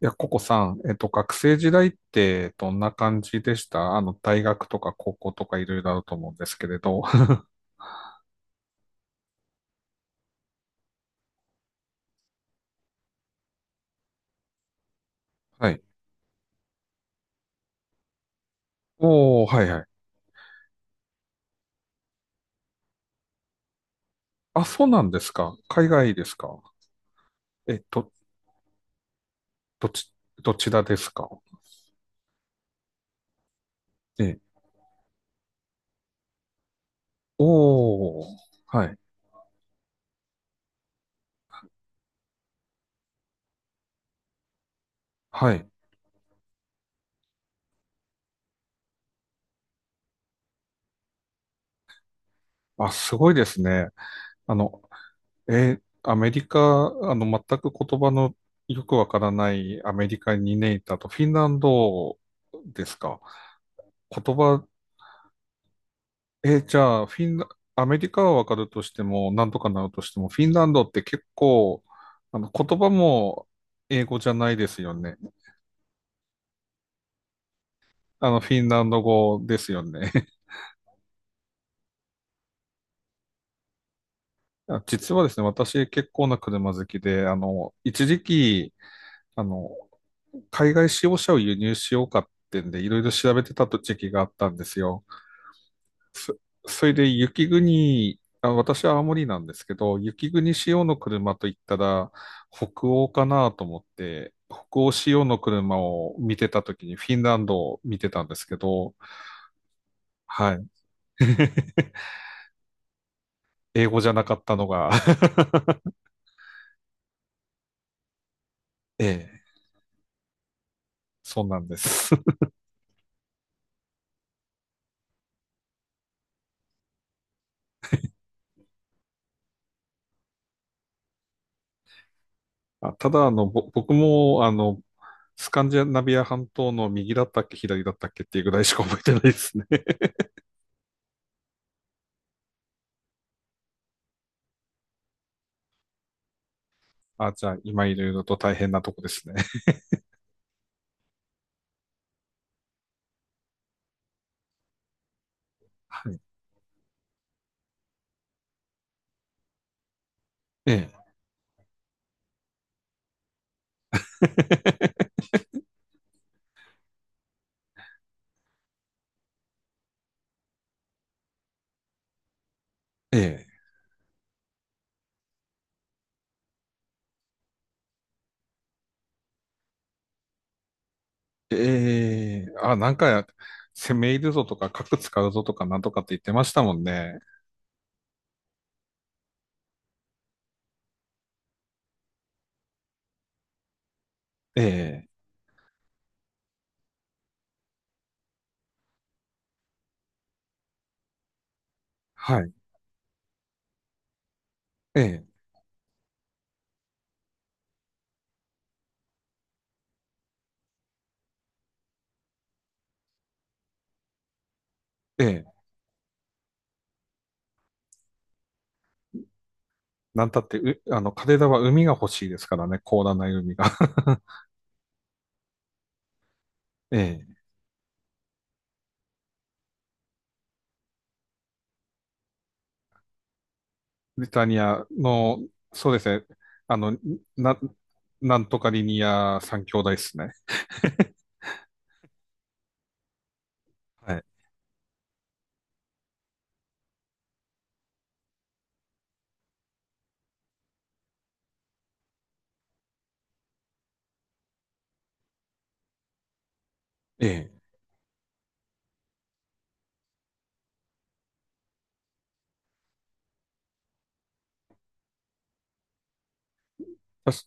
いや、ココさん、学生時代ってどんな感じでした？大学とか高校とかいろいろあると思うんですけれど。はい。おー、はいはい。あ、そうなんですか。海外ですか。え、ど、どち、どちらですか。え、おー、はい、はい。あ、すごいですね。あの、アメリカ、全く言葉のよくわからないアメリカににねんいたと、フィンランドですか。言葉えーじゃあ、フィンラ、アメリカはわかるとしても、なんとかなるとしても、フィンランドって結構、言葉も英語じゃないですよね。あの、フィンランド語ですよね。あ、実はですね、私結構な車好きで、あの、一時期、あの、海外使用車を輸入しようかってんで、いろいろ調べてた時期があったんですよ。そ、それで雪国、あ、私は青森なんですけど、雪国仕様の車といったら北欧かなと思って、北欧仕様の車を見てた時にフィンランドを見てたんですけど、はい。英語じゃなかったのが ええ、そうなんです。あ、ただ、あの、僕も、あの、スカンジナビア半島の右だったっけ、左だったっけっていうぐらいしか覚えてないですね。あ、じゃあ、今いろいろと大変なとこですね。はい。ええ。ええ。ええ、あ、なんか、攻め入るぞとか、核使うぞとか、なんとかって言ってましたもんね。ええ、はい。ええ、ええ、なんたって、う、あの、カデラは海が欲しいですからね、広大ない海が。ええ、ブリタニアの、そうですね、あの、な、なんとかリニア三兄弟ですね。はい。ええ、たし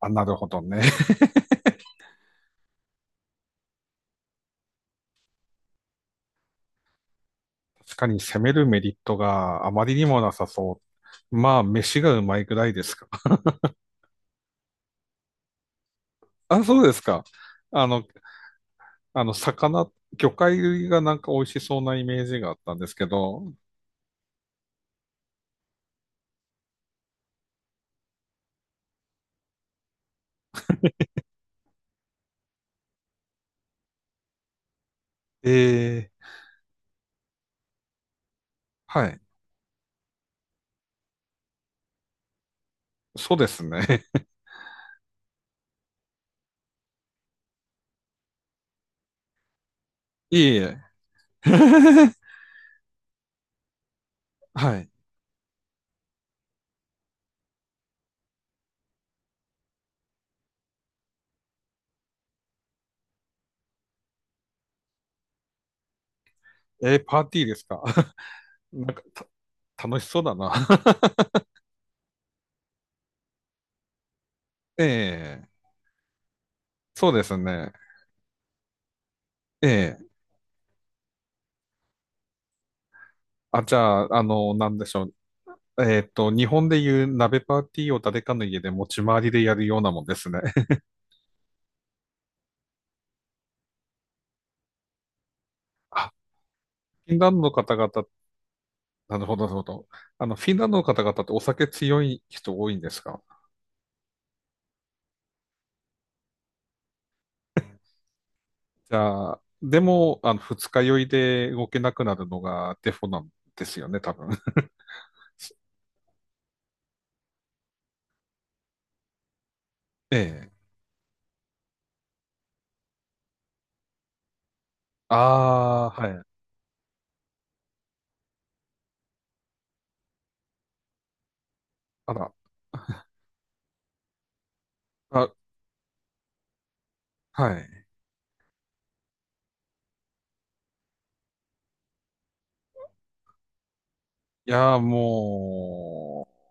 あ、なるほどね。確かに攻めるメリットがあまりにもなさそう。まあ、飯がうまいぐらいですか。あ、そうですか。あの、あの、魚介類がなんか美味しそうなイメージがあったんですけど、ええ、はい。そうですね。いえいえ。はい。えー、パーティーですか？ なんか、楽しそうだな。ええ、そうですね。ええ、あ、じゃあ、あの、なんでしょう。えっと、日本でいう鍋パーティーを誰かの家で持ち回りでやるようなもんですね。あ、フィンランドの方々、なるほど、なるほど。あの、フィンランドの方々ってお酒強い人多いんですか？じゃあ、でも、あの、二日酔いで動けなくなるのがデフォなんですよね、多分。ええ。ああ、はい。あら。あ、はい。いやー、もう、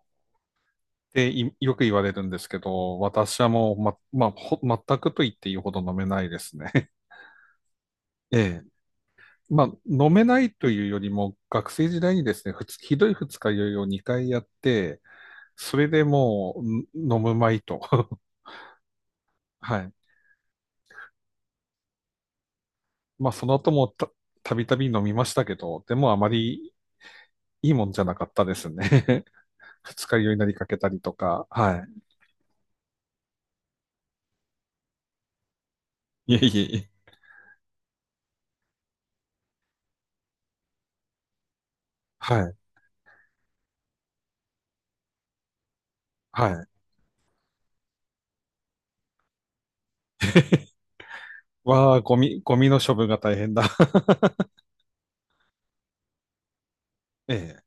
っていよく言われるんですけど、私はもう、まあ、全くと言っていいほど飲めないですね。ええ。まあ、飲めないというよりも、学生時代にですね、ひどい二日酔いを2回やって、それでもう、ん飲むまいと。はい。まあ、その後もたびたび飲みましたけど、でもあまりいいもんじゃなかったですね。二日酔いになりかけたりとか、はい、いえいえいえ。はい、はい。わあ、ゴミの処分が大変だ。ええ。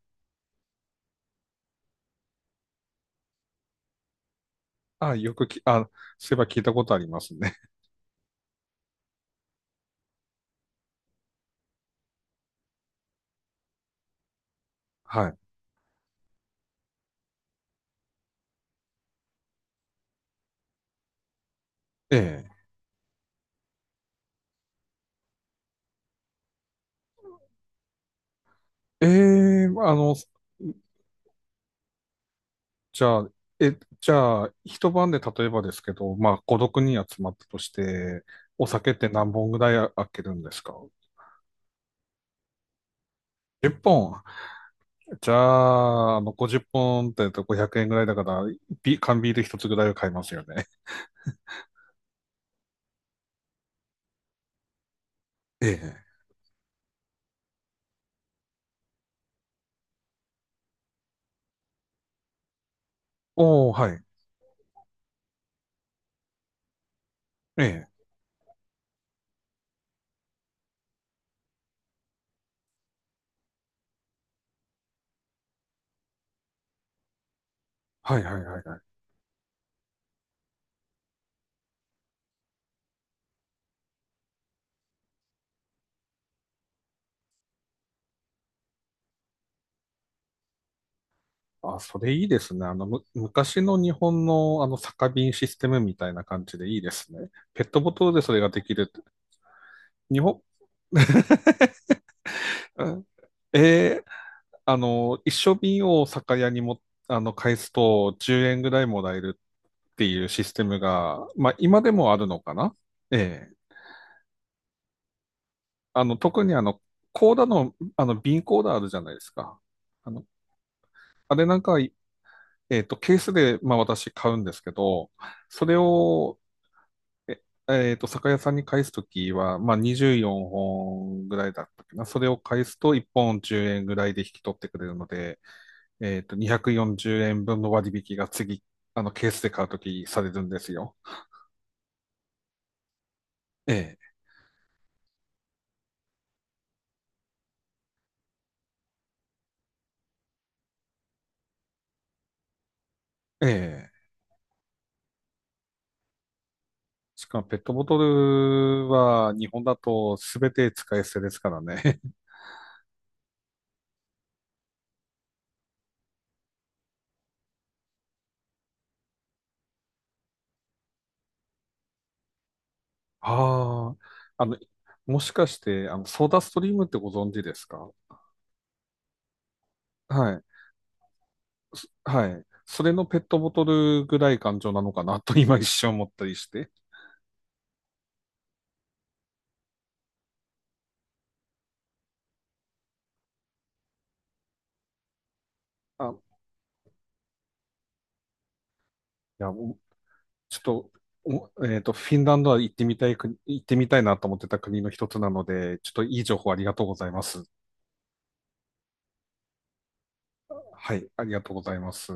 あ、よくき、あ、そういえば聞いたことありますね。はい。ええ。ええ、あの、じゃあ、え、じゃあ、一晩で例えばですけど、まあ、孤独にん集まったとして、お酒って何本ぐらい開けるんですか？ 10 本。じゃあ、あの50本っぽんって500円ぐらいだから、ビ缶ビール一つぐらいは買いますよね。ええ。おー、はい。ええ。はいはいはいはい。あ、それいいですね。あの、む、昔の日本のあの酒瓶システムみたいな感じでいいですね。ペットボトルでそれができるって。日本、うん、ええ、あの、一升瓶を酒屋にも、あの、返すと10円ぐらいもらえるっていうシステムが、まあ今でもあるのかな？ええ。あの、特にあの、コーダの、あの、瓶コーダあるじゃないですか。あの、あれなんかえっと、ケースで、まあ私買うんですけど、それを、え、えっと、酒屋さんに返すときは、まあ24本ぐらいだったっけな。それを返すと1本10円ぐらいで引き取ってくれるので、えっと、240円分の割引が次、あの、ケースで買うときされるんですよ。ええ、ええ。しかもペットボトルは日本だと全て使い捨てですからね。ああ、あの、もしかして、あの、ソーダストリームってご存知ですか？はい。そ、はい。それのペットボトルぐらい感情なのかなと今一瞬思ったりして。あ、いや、もうちょっと、えっと、フィンランドは行ってみたい国、行ってみたいなと思ってた国の一つなので、ちょっといい情報ありがとうございます。はい、ありがとうございます。